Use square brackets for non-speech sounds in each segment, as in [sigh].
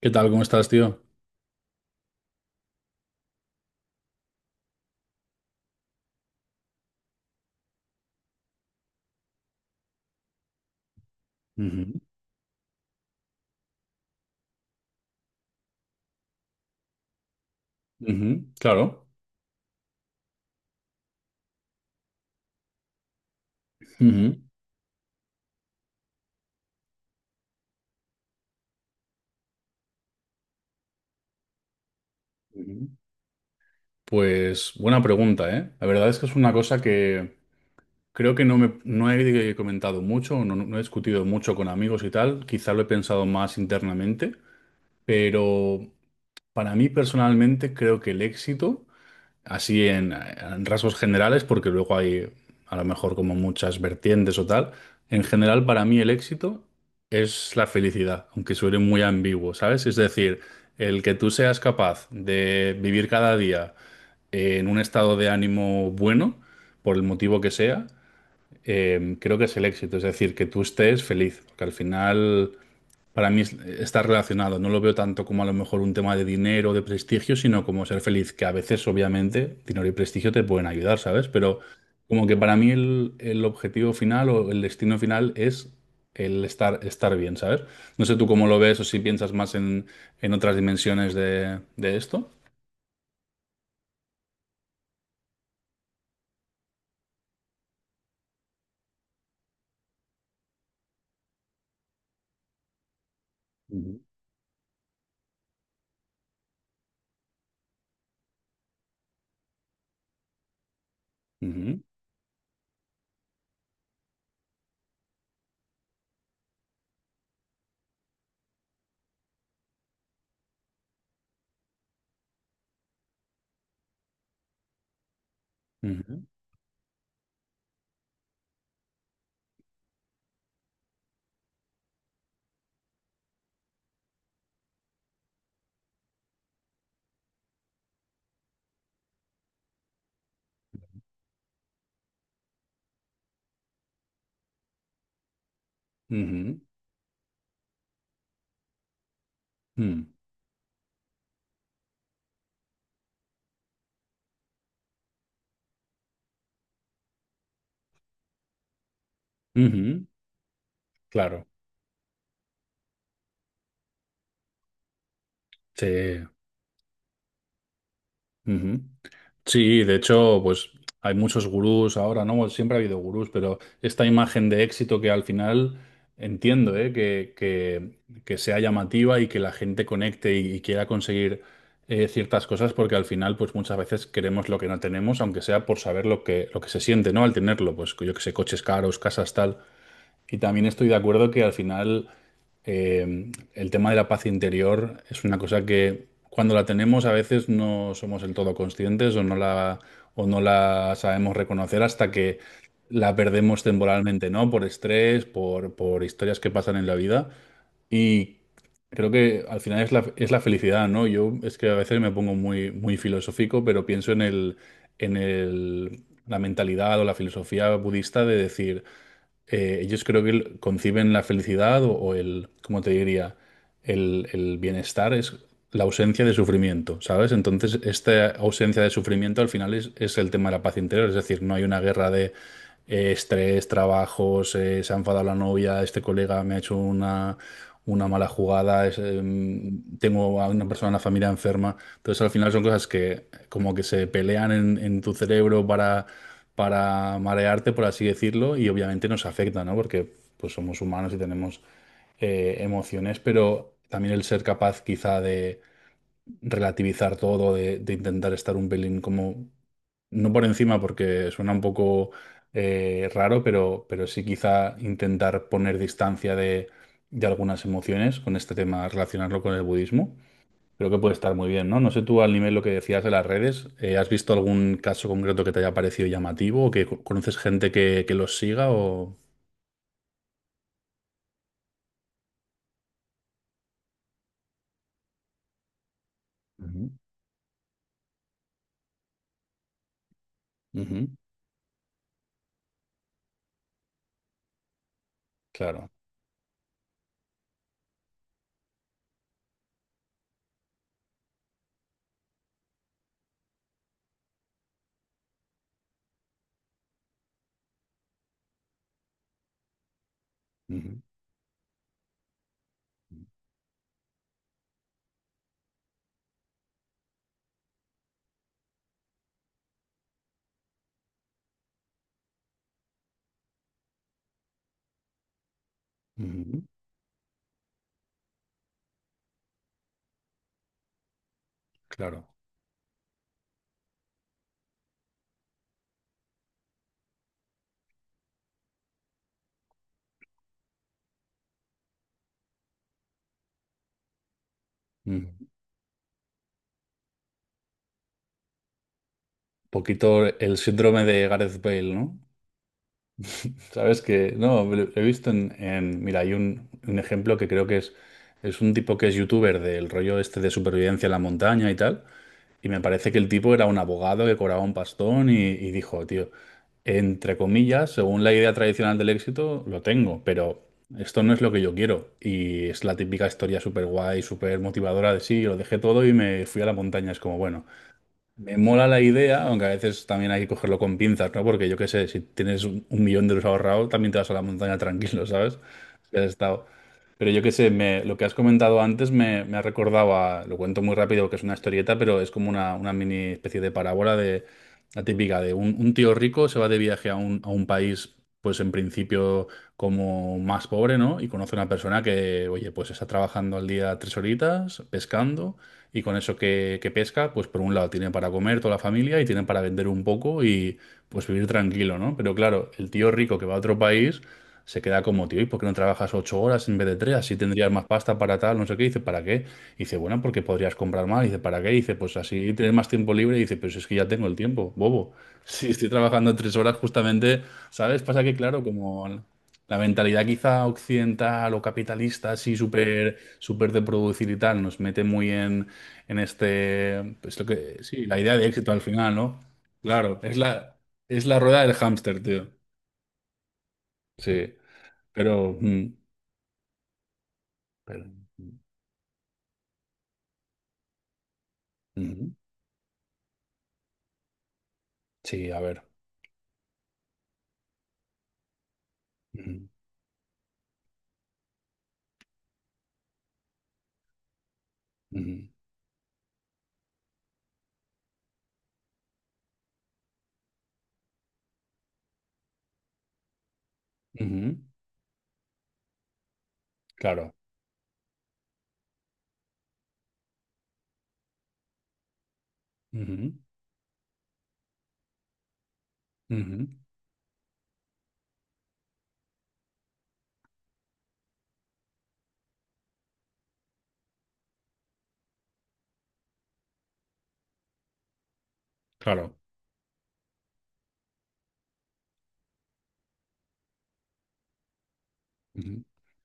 ¿Qué tal? ¿Cómo estás, tío? Ujú, ujú, claro. Ujú, ujú. Pues buena pregunta, ¿eh? La verdad es que es una cosa que creo que no he comentado mucho, no he discutido mucho con amigos y tal, quizá lo he pensado más internamente, pero para mí personalmente creo que el éxito así en rasgos generales, porque luego hay a lo mejor como muchas vertientes o tal. En general, para mí el éxito es la felicidad, aunque suene muy ambiguo, ¿sabes? Es decir, el que tú seas capaz de vivir cada día en un estado de ánimo bueno, por el motivo que sea, creo que es el éxito, es decir, que tú estés feliz, porque al final... Para mí está relacionado, no lo veo tanto como a lo mejor un tema de dinero, de prestigio, sino como ser feliz, que a veces obviamente dinero y prestigio te pueden ayudar, ¿sabes? Pero como que para mí el objetivo final o el destino final es el estar, estar bien, ¿sabes? No sé tú cómo lo ves o si piensas más en otras dimensiones de esto. Ujú. Ujú, ujú, ujú, mm, ujú, claro. Sí. Ujú. Sí, de hecho, pues hay muchos gurús ahora, ¿no? Bueno, siempre ha habido gurús, pero esta imagen de éxito que al final entiendo, ¿eh? Que sea llamativa y que la gente conecte y quiera conseguir ciertas cosas, porque al final, pues muchas veces queremos lo que no tenemos, aunque sea por saber lo que se siente, ¿no? Al tenerlo, pues yo que sé, coches caros, casas, tal. Y también estoy de acuerdo que al final el tema de la paz interior es una cosa que cuando la tenemos a veces no somos del todo conscientes o o no la sabemos reconocer hasta que la perdemos temporalmente, ¿no? Por estrés, por historias que pasan en la vida. Y creo que al final es la felicidad, ¿no? Yo es que a veces me pongo muy, muy filosófico, pero pienso en en el, la mentalidad o la filosofía budista de decir ellos creo que conciben la felicidad o el, ¿cómo te diría? El bienestar es la ausencia de sufrimiento, ¿sabes? Entonces, esta ausencia de sufrimiento al final es el tema de la paz interior, es decir, no hay una guerra de estrés, trabajos, se ha enfadado la novia, este colega me ha hecho una mala jugada, tengo a una persona en la familia enferma. Entonces, al final son cosas que como que se pelean en tu cerebro para marearte, por así decirlo, y obviamente nos afecta, ¿no? Porque pues somos humanos y tenemos emociones, pero también el ser capaz quizá de relativizar todo, de intentar estar un pelín como, no por encima porque suena un poco raro, pero sí quizá intentar poner distancia de algunas emociones con este tema, relacionarlo con el budismo. Creo que puede estar muy bien, ¿no? No sé tú al nivel lo que decías de las redes, ¿has visto algún caso concreto que te haya parecido llamativo o que conoces gente que los siga o... Ujú, ujú, claro, ujú, ujú, claro. un Poquito el síndrome de Gareth Bale, ¿no? Sabes que, no, lo he visto mira, hay un ejemplo que creo que es un tipo que es youtuber del rollo este de supervivencia en la montaña y tal. Y me parece que el tipo era un abogado que cobraba un pastón y dijo, tío, entre comillas, según la idea tradicional del éxito, lo tengo, pero esto no es lo que yo quiero. Y es la típica historia súper guay, súper motivadora de sí, lo dejé todo y me fui a la montaña. Es como, bueno. Me mola la idea, aunque a veces también hay que cogerlo con pinzas, ¿no? Porque yo qué sé, si tienes 1 millón de euros ahorrados, también te vas a la montaña tranquilo, ¿sabes? Si has estado. Pero yo qué sé, lo que has comentado antes me ha recordado a, lo cuento muy rápido, que es una historieta, pero es como una mini especie de parábola de la típica de un tío rico se va de viaje a a un país, pues en principio como más pobre, ¿no? Y conoce a una persona que, oye, pues está trabajando al día 3 horitas, pescando, y con eso que pesca, pues por un lado tiene para comer toda la familia y tiene para vender un poco y pues vivir tranquilo, ¿no? Pero claro, el tío rico que va a otro país se queda como, tío, ¿y por qué no trabajas 8 horas en vez de 3? Así tendrías más pasta para tal, no sé qué. Dice, ¿para qué? Dice, bueno, porque podrías comprar más. Dice, ¿para qué? Dice, pues así tienes más tiempo libre. Dice, pues es que ya tengo el tiempo, bobo. [laughs] Si estoy trabajando 3 horas justamente, ¿sabes? Pasa que, claro, como... La mentalidad quizá occidental o capitalista, así súper súper de producir y tal, nos mete muy en este, pues lo que, sí, la idea de éxito al final, ¿no? Claro, es es la rueda del hámster, tío. Sí, pero, pero, mm, sí, a ver. Ujú, ujú, ujú, claro. Ujú, ujú, claro.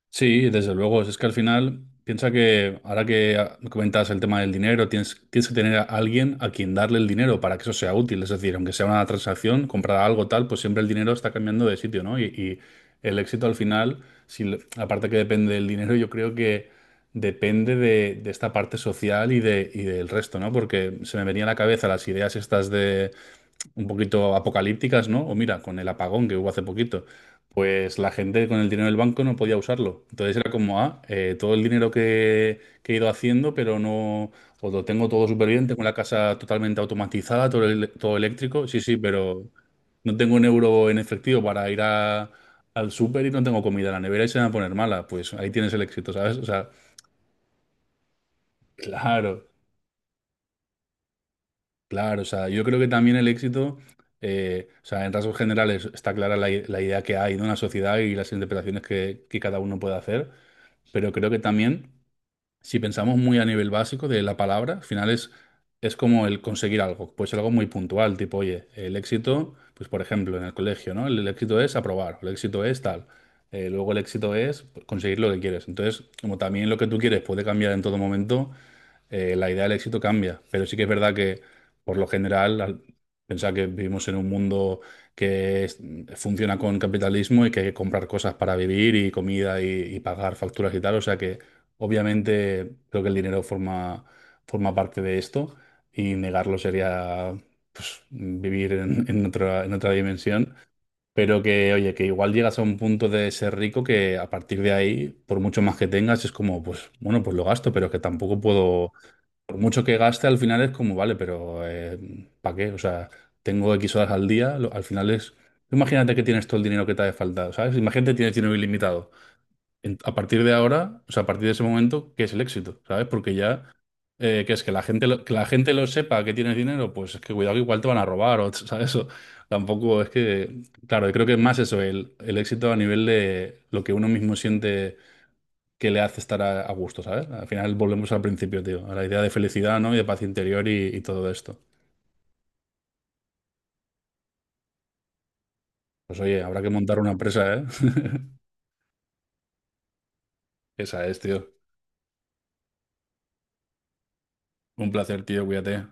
Sí, desde luego. Es que al final, piensa que ahora que comentas el tema del dinero, tienes, tienes que tener a alguien a quien darle el dinero para que eso sea útil. Es decir, aunque sea una transacción, comprar algo tal, pues siempre el dinero está cambiando de sitio, ¿no? Y el éxito al final, si, aparte que depende del dinero, yo creo que depende de esta parte social y del resto, ¿no? Porque se me venía a la cabeza las ideas estas un poquito apocalípticas, ¿no? O mira, con el apagón que hubo hace poquito, pues la gente con el dinero del banco no podía usarlo. Entonces era como, ah, todo el dinero que he ido haciendo, pero no, o lo tengo todo súper bien, tengo la casa totalmente automatizada, todo, todo eléctrico, sí, sí, pero no tengo un euro en efectivo para al súper y no tengo comida en la nevera y se me va a poner mala. Pues ahí tienes el éxito, ¿sabes? O sea, [laughs] claro. Claro, o sea, yo creo que también el éxito, o sea, en rasgos generales está clara la idea que hay de una sociedad y las interpretaciones que cada uno puede hacer, pero creo que también, si pensamos muy a nivel básico de la palabra, al final es como el conseguir algo, pues algo muy puntual, tipo, oye, el éxito, pues por ejemplo, en el colegio, ¿no? El éxito es aprobar, el éxito es tal, luego el éxito es conseguir lo que quieres. Entonces, como también lo que tú quieres puede cambiar en todo momento la idea del éxito cambia, pero sí que es verdad que por lo general, al pensar que vivimos en un mundo que es- funciona con capitalismo y que hay que comprar cosas para vivir y comida y pagar facturas y tal, o sea que obviamente creo que el dinero forma, forma parte de esto y negarlo sería pues, vivir en otra dimensión. Pero que, oye, que igual llegas a un punto de ser rico que a partir de ahí, por mucho más que tengas, es como, pues, bueno, pues lo gasto, pero que tampoco puedo por mucho que gaste, al final es como, vale, pero ¿para qué? O sea, tengo X horas al día, al final es... Imagínate que tienes todo el dinero que te hace falta, ¿sabes? Imagínate que tienes dinero ilimitado. A partir de ahora, o sea, a partir de ese momento, ¿qué es el éxito? ¿Sabes? Porque ya, que es que que la gente lo sepa que tienes dinero, pues es que cuidado que igual te van a robar, o, [laughs] ¿sabes? O tampoco es que, claro, yo creo que es más eso, el éxito a nivel de lo que uno mismo siente que le hace estar a gusto, ¿sabes? Al final volvemos al principio, tío, a la idea de felicidad, ¿no? Y de paz interior y todo esto. Pues oye, habrá que montar una empresa, ¿eh? [laughs] Esa es, tío. Un placer, tío, cuídate.